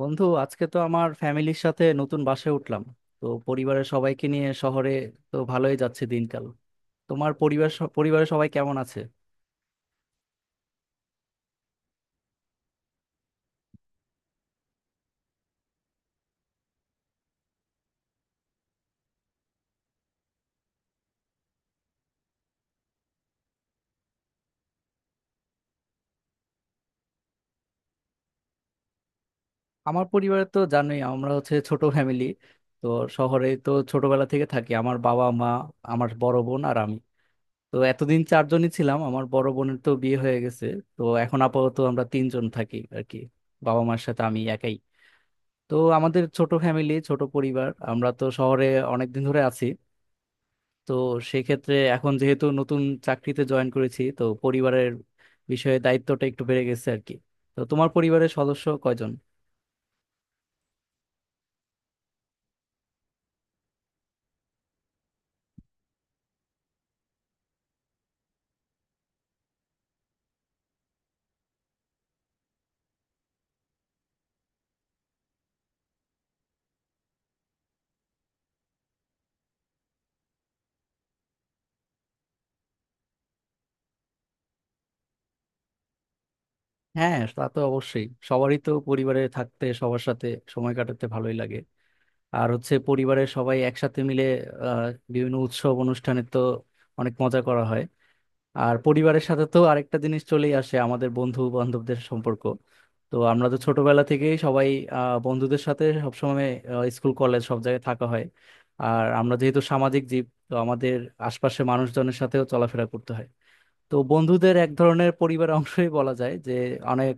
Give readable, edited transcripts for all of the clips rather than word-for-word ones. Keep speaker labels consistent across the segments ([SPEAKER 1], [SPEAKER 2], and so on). [SPEAKER 1] বন্ধু, আজকে তো আমার ফ্যামিলির সাথে নতুন বাসায় উঠলাম। তো পরিবারের সবাইকে নিয়ে শহরে। তো ভালোই যাচ্ছে দিনকাল। তোমার পরিবার পরিবারের সবাই কেমন আছে? আমার পরিবারে তো জানোই, আমরা হচ্ছে ছোট ফ্যামিলি। তো শহরে তো ছোটবেলা থেকে থাকি। আমার বাবা মা, আমার বড় বোন আর আমি। তো এতদিন চারজনই ছিলাম, আমার বড় বোনের তো বিয়ে হয়ে গেছে। তো এখন আপাতত আমরা তিনজন থাকি আর কি, বাবা মার সাথে আমি একাই। তো আমাদের ছোট ফ্যামিলি, ছোট পরিবার, আমরা তো শহরে অনেকদিন ধরে আছি। তো সেক্ষেত্রে এখন যেহেতু নতুন চাকরিতে জয়েন করেছি, তো পরিবারের বিষয়ে দায়িত্বটা একটু বেড়ে গেছে আর কি। তো তোমার পরিবারের সদস্য কয়জন? হ্যাঁ, তা তো অবশ্যই, সবারই তো পরিবারে থাকতে, সবার সাথে সময় কাটাতে ভালোই লাগে। আর হচ্ছে পরিবারের সবাই একসাথে মিলে আহ বিভিন্ন উৎসব অনুষ্ঠানে তো অনেক মজা করা হয়। আর পরিবারের সাথে তো আরেকটা জিনিস চলেই আসে, আমাদের বন্ধু বান্ধবদের সম্পর্ক। তো আমরা তো ছোটবেলা থেকেই সবাই বন্ধুদের সাথে সবসময় স্কুল কলেজ সব জায়গায় থাকা হয়। আর আমরা যেহেতু সামাজিক জীব, তো আমাদের আশপাশে মানুষজনের সাথেও চলাফেরা করতে হয়। তো বন্ধুদের এক ধরনের পরিবার অংশই বলা যায় যে, অনেক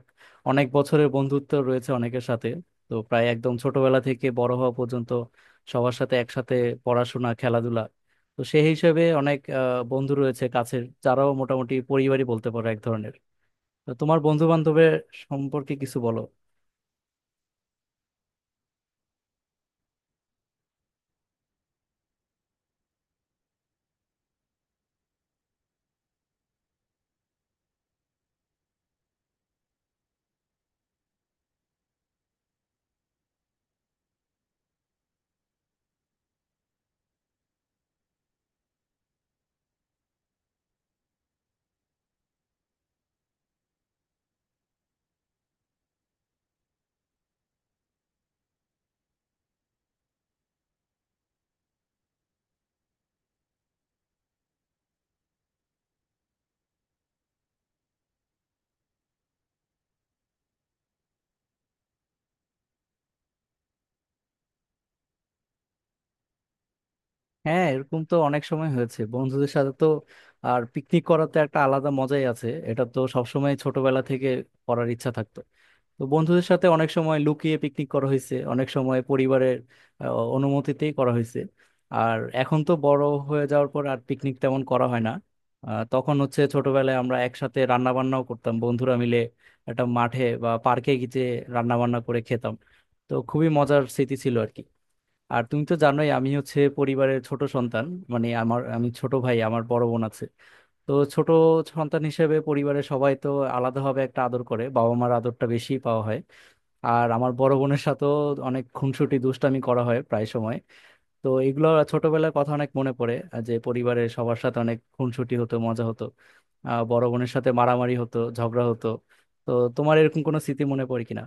[SPEAKER 1] অনেক বছরের বন্ধুত্ব রয়েছে অনেকের সাথে। তো প্রায় একদম ছোটবেলা থেকে বড় হওয়া পর্যন্ত সবার সাথে একসাথে পড়াশোনা, খেলাধুলা। তো সেই হিসেবে অনেক বন্ধু রয়েছে কাছের, যারাও মোটামুটি পরিবারই বলতে পারো এক ধরনের। তো তোমার বন্ধু বান্ধবের সম্পর্কে কিছু বলো। হ্যাঁ, এরকম তো অনেক সময় হয়েছে বন্ধুদের সাথে। তো আর পিকনিক করাতে একটা আলাদা মজাই আছে, এটা তো সবসময় ছোটবেলা থেকে করার ইচ্ছা থাকতো। তো বন্ধুদের সাথে অনেক সময় লুকিয়ে পিকনিক করা হয়েছে, অনেক সময় পরিবারের আহ, অনুমতিতেই করা হয়েছে। আর এখন তো বড় হয়ে যাওয়ার পর আর পিকনিক তেমন করা হয় না। তখন হচ্ছে ছোটবেলায় আমরা একসাথে রান্না বান্নাও করতাম বন্ধুরা মিলে, একটা মাঠে বা পার্কে গিয়ে রান্না বান্না করে খেতাম। তো খুবই মজার স্মৃতি ছিল আর কি। আর তুমি তো জানোই আমি হচ্ছে পরিবারের ছোট সন্তান, মানে আমার, আমি ছোট ভাই, আমার বড় বোন আছে। তো ছোট সন্তান হিসেবে পরিবারের সবাই তো আলাদাভাবে একটা আদর করে, বাবা মার আদরটা বেশি পাওয়া হয়। আর আমার বড় বোনের সাথেও অনেক খুনসুটি দুষ্টামি করা হয় প্রায় সময়। তো এগুলো ছোটবেলার কথা অনেক মনে পড়ে, যে পরিবারের সবার সাথে অনেক খুনসুটি হতো, মজা হতো। বড় বোনের সাথে মারামারি হতো, ঝগড়া হতো। তো তোমার এরকম কোনো স্মৃতি মনে পড়ে কিনা?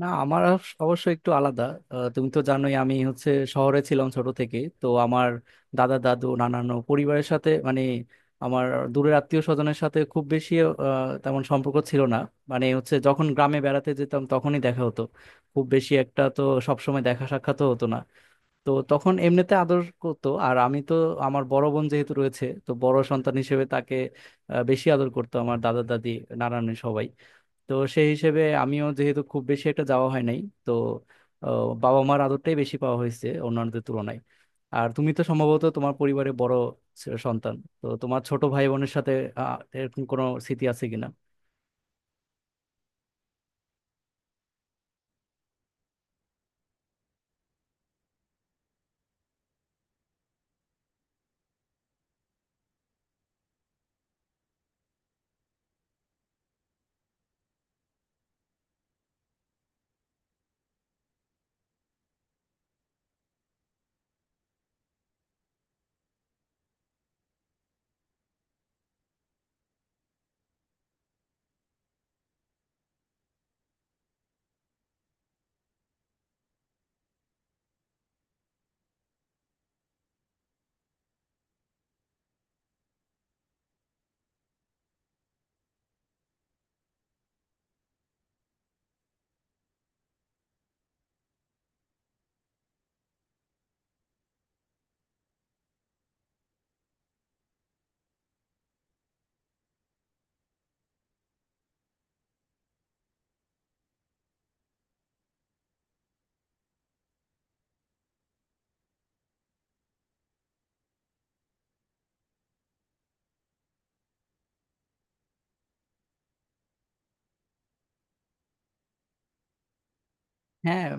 [SPEAKER 1] না, আমার অবশ্য একটু আলাদা। তুমি তো জানোই আমি হচ্ছে শহরে ছিলাম ছোট থেকে। তো আমার দাদা দাদু নানানো পরিবারের সাথে, মানে আমার দূরের আত্মীয় স্বজনের সাথে খুব বেশি তেমন সম্পর্ক ছিল না। মানে হচ্ছে যখন গ্রামে বেড়াতে যেতাম তখনই দেখা হতো। খুব বেশি একটা তো সবসময় দেখা সাক্ষাৎও হতো না। তো তখন এমনিতে আদর করতো, আর আমি তো, আমার বড় বোন যেহেতু রয়েছে, তো বড় সন্তান হিসেবে তাকে বেশি আদর করতো আমার দাদা দাদি নানান সবাই। তো সেই হিসেবে আমিও যেহেতু খুব বেশি একটা যাওয়া হয় নাই, তো বাবা মার আদরটাই বেশি পাওয়া হয়েছে অন্যান্যদের তুলনায়। আর তুমি তো সম্ভবত তোমার পরিবারে বড় সন্তান। তো তোমার ছোট ভাই বোনের সাথে এরকম কোনো স্মৃতি আছে কিনা? হ্যাঁ,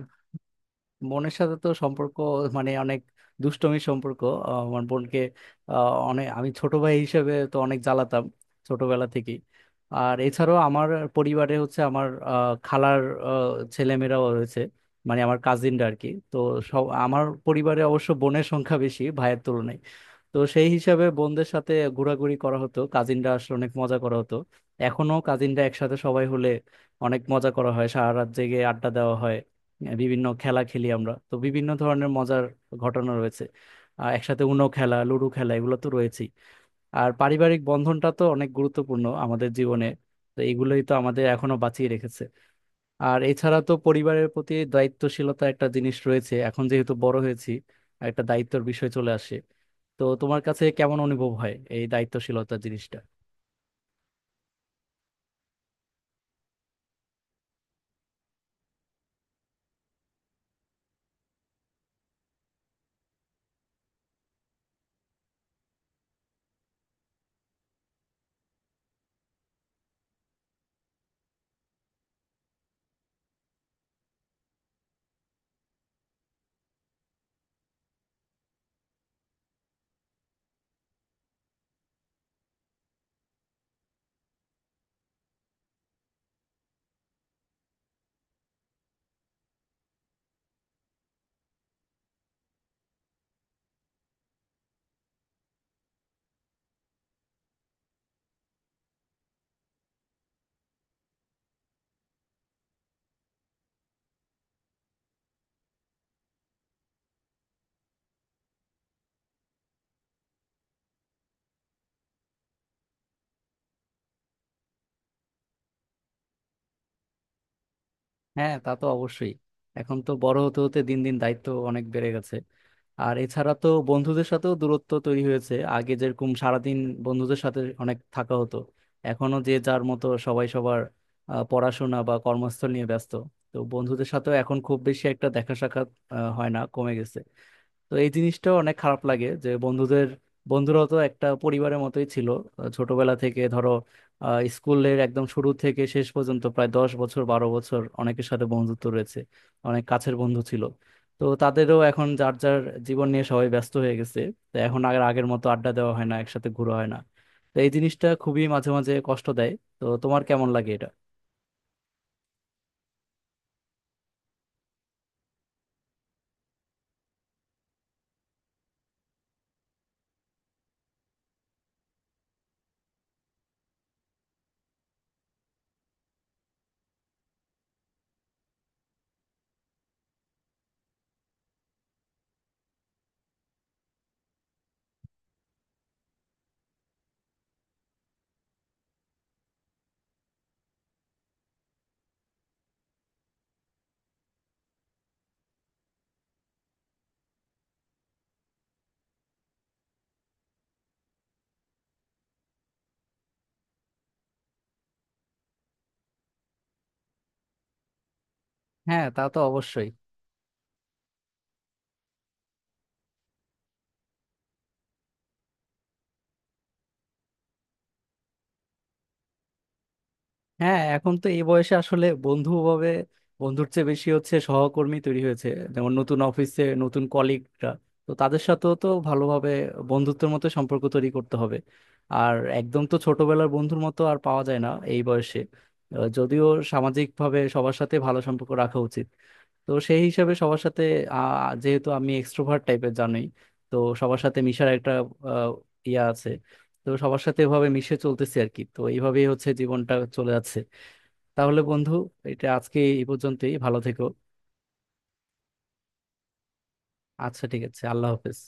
[SPEAKER 1] বোনের সাথে তো সম্পর্ক মানে অনেক দুষ্টমির সম্পর্ক। আমার বোনকে আহ, অনেক আমি ছোট ভাই হিসেবে তো অনেক জ্বালাতাম ছোটবেলা থেকেই। আর এছাড়াও আমার পরিবারে হচ্ছে আমার খালার আহ, ছেলেমেয়েরাও রয়েছে, মানে আমার কাজিনরা আর কি। তো সব আমার পরিবারে অবশ্য বোনের সংখ্যা বেশি ভাইয়ের তুলনায়। তো সেই হিসাবে বোনদের সাথে ঘোরাঘুরি করা হতো, কাজিনরা আসলে অনেক মজা করা হতো। এখনো কাজিনরা একসাথে সবাই হলে অনেক মজা করা হয়, সারা রাত জেগে আড্ডা দেওয়া হয়। বিভিন্ন খেলা খেলি আমরা, তো বিভিন্ন ধরনের মজার ঘটনা রয়েছে। আর একসাথে উনো খেলা, লুডো খেলা, এগুলো তো রয়েছেই। আর পারিবারিক বন্ধনটা তো অনেক গুরুত্বপূর্ণ আমাদের জীবনে। তো এগুলোই তো আমাদের এখনো বাঁচিয়ে রেখেছে। আর এছাড়া তো পরিবারের প্রতি দায়িত্বশীলতা একটা জিনিস রয়েছে, এখন যেহেতু বড় হয়েছি, একটা দায়িত্বের বিষয় চলে আসে। তো তোমার কাছে কেমন অনুভব হয় এই দায়িত্বশীলতা জিনিসটা? হ্যাঁ, তা তো অবশ্যই। এখন তো বড় হতে হতে দিন দিন দায়িত্ব অনেক বেড়ে গেছে। আর এছাড়া তো বন্ধুদের সাথেও দূরত্ব তৈরি হয়েছে। আগে যেরকম সারাদিন বন্ধুদের সাথে অনেক থাকা হতো, এখনো যে যার মতো সবাই সবার পড়াশোনা বা কর্মস্থল নিয়ে ব্যস্ত। তো বন্ধুদের সাথেও এখন খুব বেশি একটা দেখা সাক্ষাৎ হয় না, কমে গেছে। তো এই জিনিসটা অনেক খারাপ লাগে যে বন্ধুরাও তো একটা পরিবারের মতোই ছিল। ছোটবেলা থেকে ধরো স্কুলের একদম শুরু থেকে শেষ পর্যন্ত প্রায় 10 বছর 12 বছর অনেকের সাথে বন্ধুত্ব রয়েছে, অনেক কাছের বন্ধু ছিল। তো তাদেরও এখন যার যার জীবন নিয়ে সবাই ব্যস্ত হয়ে গেছে। তো এখন আর আগের মতো আড্ডা দেওয়া হয় না, একসাথে ঘোরা হয় না। তো এই জিনিসটা খুবই মাঝে মাঝে কষ্ট দেয়। তো তোমার কেমন লাগে এটা? হ্যাঁ, তা তো অবশ্যই। হ্যাঁ, এখন তো এই বয়সে আসলে বন্ধু ভাবে, বন্ধুর চেয়ে বেশি হচ্ছে সহকর্মী তৈরি হয়েছে, যেমন নতুন অফিসে নতুন কলিগরা। তো তাদের সাথেও তো ভালোভাবে বন্ধুত্বের মতো সম্পর্ক তৈরি করতে হবে। আর একদম তো ছোটবেলার বন্ধুর মতো আর পাওয়া যায় না এই বয়সে। যদিও সামাজিকভাবে সবার সাথে ভালো সম্পর্ক রাখা উচিত। তো সেই হিসাবে সবার সাথে যেহেতু আমি এক্সট্রোভার্ট টাইপের জানোই, তো সবার সাথে মিশার একটা আহ, ইয়া আছে। তো সবার সাথে এভাবে মিশে চলতেছি আর কি। তো এইভাবেই হচ্ছে জীবনটা চলে যাচ্ছে। তাহলে বন্ধু, এটা আজকে এই পর্যন্তই। ভালো থেকো। আচ্ছা, ঠিক আছে, আল্লাহ হাফেজ।